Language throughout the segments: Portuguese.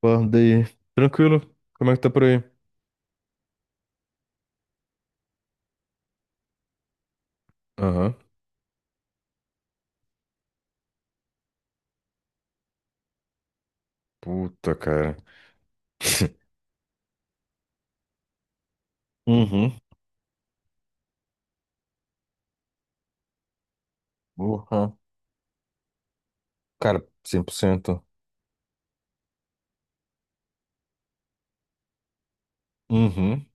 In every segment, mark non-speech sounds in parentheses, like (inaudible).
Pô, daí. Tranquilo? Como é que tá por aí? Aham. Puta, cara. (laughs) Uhum. Porra. Cara, 100%. Uhum.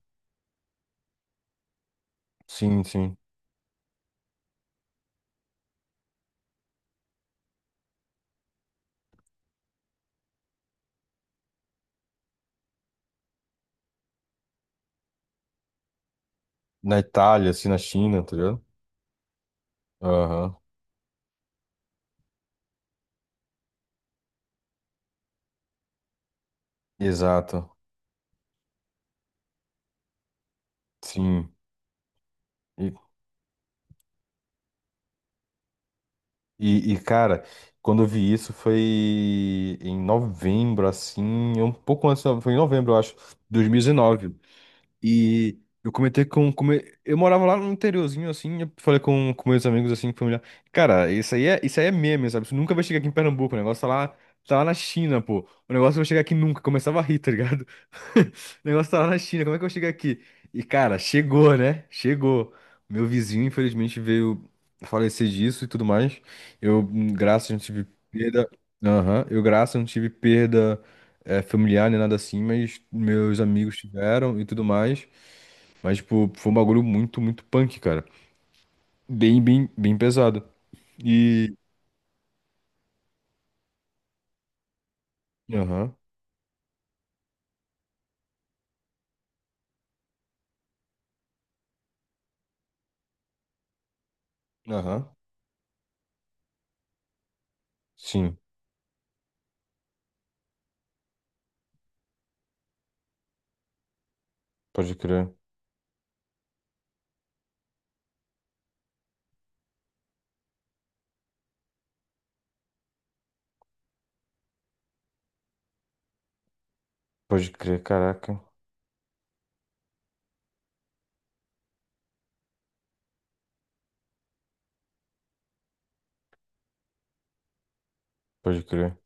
Sim, sim. Na Itália, assim, na China, tá ligado? Aham. Exato. Sim. E, e cara, quando eu vi isso foi em novembro, assim, um pouco antes, foi em novembro, eu acho, 2019. E eu comentei com eu morava lá no interiorzinho, assim, eu falei com meus amigos, assim, familiar. Cara, isso aí é meme, sabe? Isso nunca vai chegar aqui em Pernambuco, o negócio tá lá na China, pô. O negócio vai chegar aqui nunca, começava a rir, tá ligado? (laughs) O negócio tá lá na China, como é que eu chego aqui? E, cara, chegou, né? Chegou. Meu vizinho, infelizmente, veio falecer disso e tudo mais. Eu, graças, não tive perda. Aham. Eu, graças, não tive perda familiar nem nada assim, mas meus amigos tiveram e tudo mais. Mas, tipo, foi um bagulho muito, muito punk, cara. Bem, bem, bem pesado. E. Aham, aham. Sim, pode crer. Pode crer, caraca. Pode crer.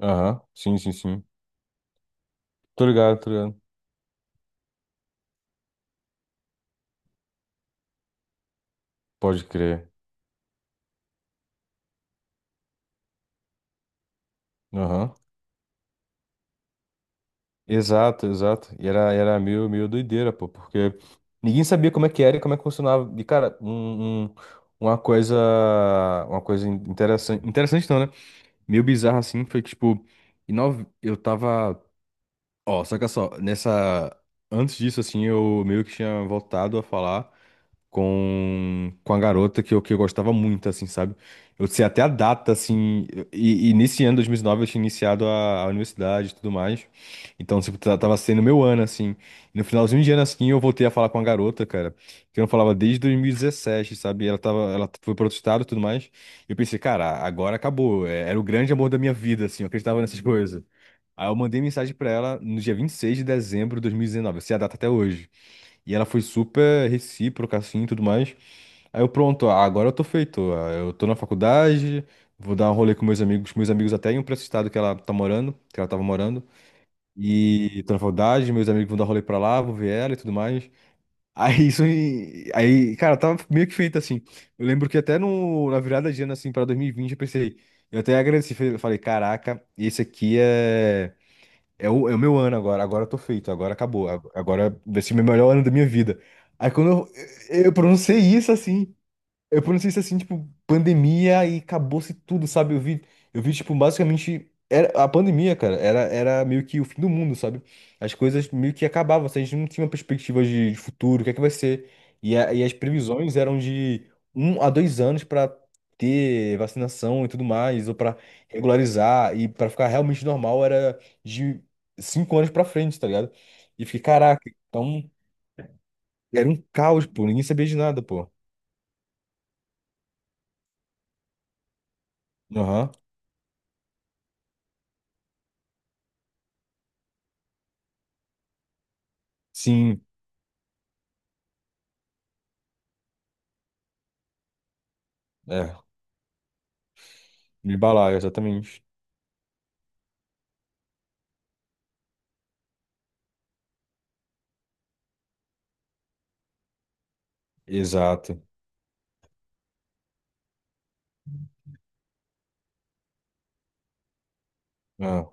Aham, sim, sim, sim. Tô ligado, tô ligado. Pode crer. Aham. Exato, exato. E era, era meio, meio doideira, pô, porque ninguém sabia como é que era e como é que funcionava. E, cara, uma coisa. Uma coisa interessante. Interessante não, né? Meio bizarra assim, foi que, tipo, em nove eu tava. Ó, saca só, nessa. Antes disso, assim, eu meio que tinha voltado a falar com a garota que eu gostava muito, assim, sabe? Eu sei até a data, assim, e nesse ano, 2009 eu tinha iniciado a universidade e tudo mais. Então, tipo, tava sendo meu ano, assim. E no finalzinho de ano, assim, eu voltei a falar com a garota, cara, que eu não falava desde 2017, sabe? Ela tava, ela foi pro outro estado e tudo mais. E eu pensei, cara, agora acabou. Era o grande amor da minha vida, assim, eu acreditava nessas (laughs) coisas. Aí eu mandei mensagem pra ela no dia 26 de dezembro de 2019, assim, a data até hoje. E ela foi super recíproca, assim, e tudo mais. Aí eu, pronto, ah, agora eu tô feito. Ah, eu tô na faculdade, vou dar um rolê com meus amigos até iam pra esse estado que ela tá morando, que ela tava morando. E tô na faculdade, meus amigos vão dar rolê pra lá, vou ver ela e tudo mais. (laughs) Aí isso, aí, cara, eu tava meio que feito, assim. Eu lembro que até no, na virada de ano, assim, pra 2020, eu pensei, eu até agradeci, falei, caraca, esse aqui é. É o meu ano agora, agora eu tô feito, agora acabou, agora vai ser o melhor ano da minha vida. Aí quando eu pronunciei isso assim, eu pronunciei isso assim, tipo, pandemia e acabou-se tudo, sabe? Eu vi, tipo, basicamente. Era, a pandemia, cara, era, era meio que o fim do mundo, sabe? As coisas meio que acabavam, assim, a gente não tinha uma perspectiva de futuro, o que é que vai ser. E, e as previsões eram de 1 a 2 anos pra ter vacinação e tudo mais, ou pra regularizar, e pra ficar realmente normal era de 5 anos pra frente, tá ligado? E fiquei, caraca, então era um caos, pô, ninguém sabia de nada, pô. Aham, sim. É. De balaio, exatamente. Exato. Ah,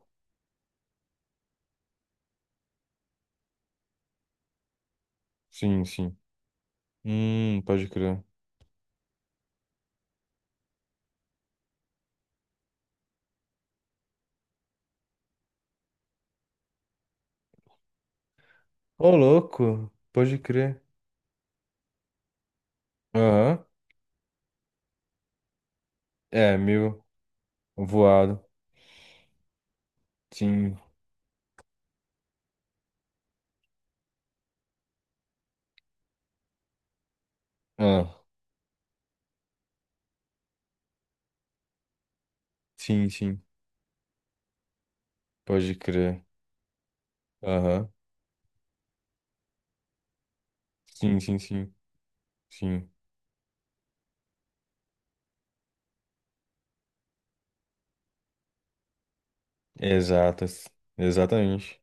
sim, sim. Pode crer. Ô, louco, pode crer. Aham. É, meio voado. Sim. Ah, sim, sim. Pode crer. Aham. Sim, sim, sim. Sim. Exatas. Exatamente.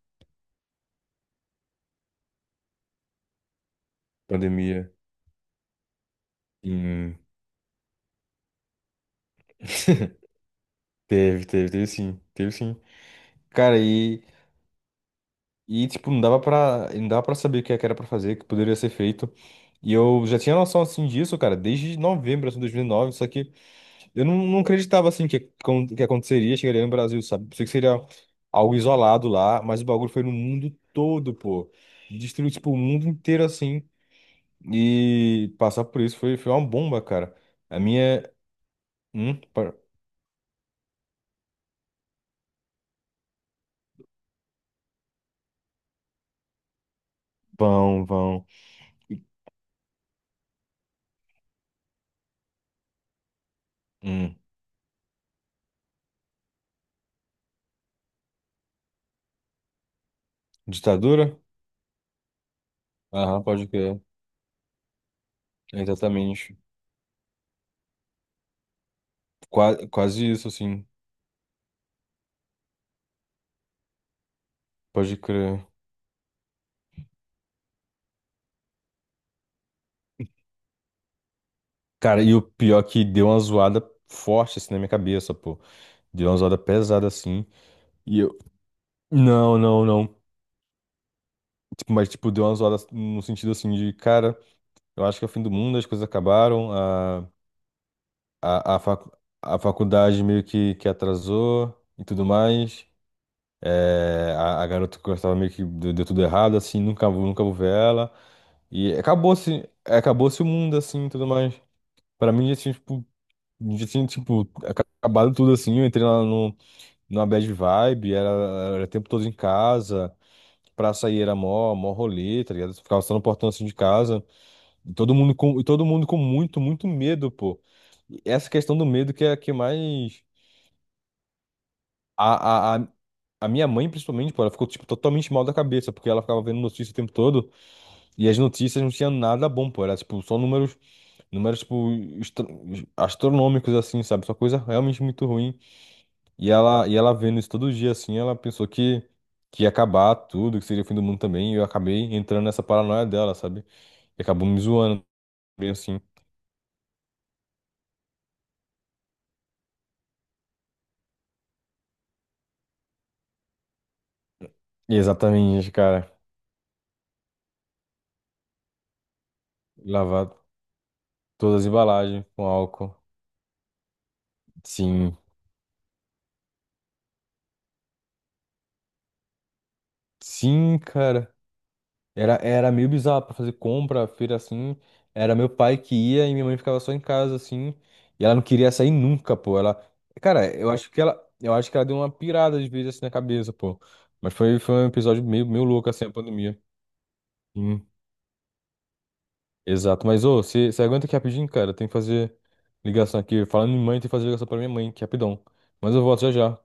Pandemia. Sim. Teve, teve, teve sim. Teve sim. Cara, e. E, tipo, não dava pra, não dava pra saber o que é que era pra fazer, o que poderia ser feito. E eu já tinha noção, assim, disso, cara, desde novembro, assim, de 2009, só que eu não acreditava, assim, que, que aconteceria, chegaria no Brasil, sabe? Pensei que seria algo isolado lá, mas o bagulho foi no mundo todo, pô. Destruiu, tipo, o mundo inteiro, assim, e passar por isso foi, foi uma bomba, cara. A minha... é. Pa- vão, vão. Hum, ditadura? Aham, pode crer. Exatamente. Qua- quase isso, assim. Pode crer. Cara, e o pior é que deu uma zoada forte assim na minha cabeça, pô. Deu uma zoada pesada assim. E eu. Não, não, não. Tipo, mas, tipo, deu uma zoada no sentido assim de, cara, eu acho que é o fim do mundo, as coisas acabaram, a a faculdade meio que atrasou e tudo mais. É, a garota que eu gostava meio que deu tudo errado, assim, nunca vou ver ela. E acabou-se, acabou-se o mundo, assim, e tudo mais. Pra mim, assim, tipo. Eu já tinha, tipo, acabado tudo assim. Eu entrei lá no, numa bad vibe, era, era o tempo todo em casa. Pra sair era mó, mó rolê, tá ligado? Ficava só no portão assim de casa. E todo mundo com muito, muito medo, pô. E essa questão do medo que é a que mais. A a minha mãe, principalmente, pô, ela ficou, tipo, totalmente mal da cabeça, porque ela ficava vendo notícia o tempo todo. E as notícias não tinham nada bom, pô. Era, tipo, só números, números, tipo, estra- astronômicos, assim, sabe? Só coisa realmente muito ruim. E ela vendo isso todo dia, assim, ela pensou que ia acabar tudo, que seria o fim do mundo também, e eu acabei entrando nessa paranoia dela, sabe? E acabou me zoando, bem assim. E exatamente, cara, lavar todas as embalagens com álcool. Sim, sim, cara. Era, era meio bizarro pra fazer compra, feira assim. Era meu pai que ia e minha mãe ficava só em casa assim. E ela não queria sair nunca, pô. Ela, cara, eu acho que ela, eu acho que ela deu uma pirada de vez assim na cabeça, pô. Mas foi, foi um episódio meio, meio louco assim, a pandemia. Sim, exato. Mas ô, você aguenta aqui rapidinho, cara? Tem que fazer ligação aqui. Falando em mãe, tem que fazer ligação pra minha mãe, que é rapidão. Mas eu volto já já.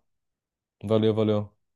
Valeu, valeu.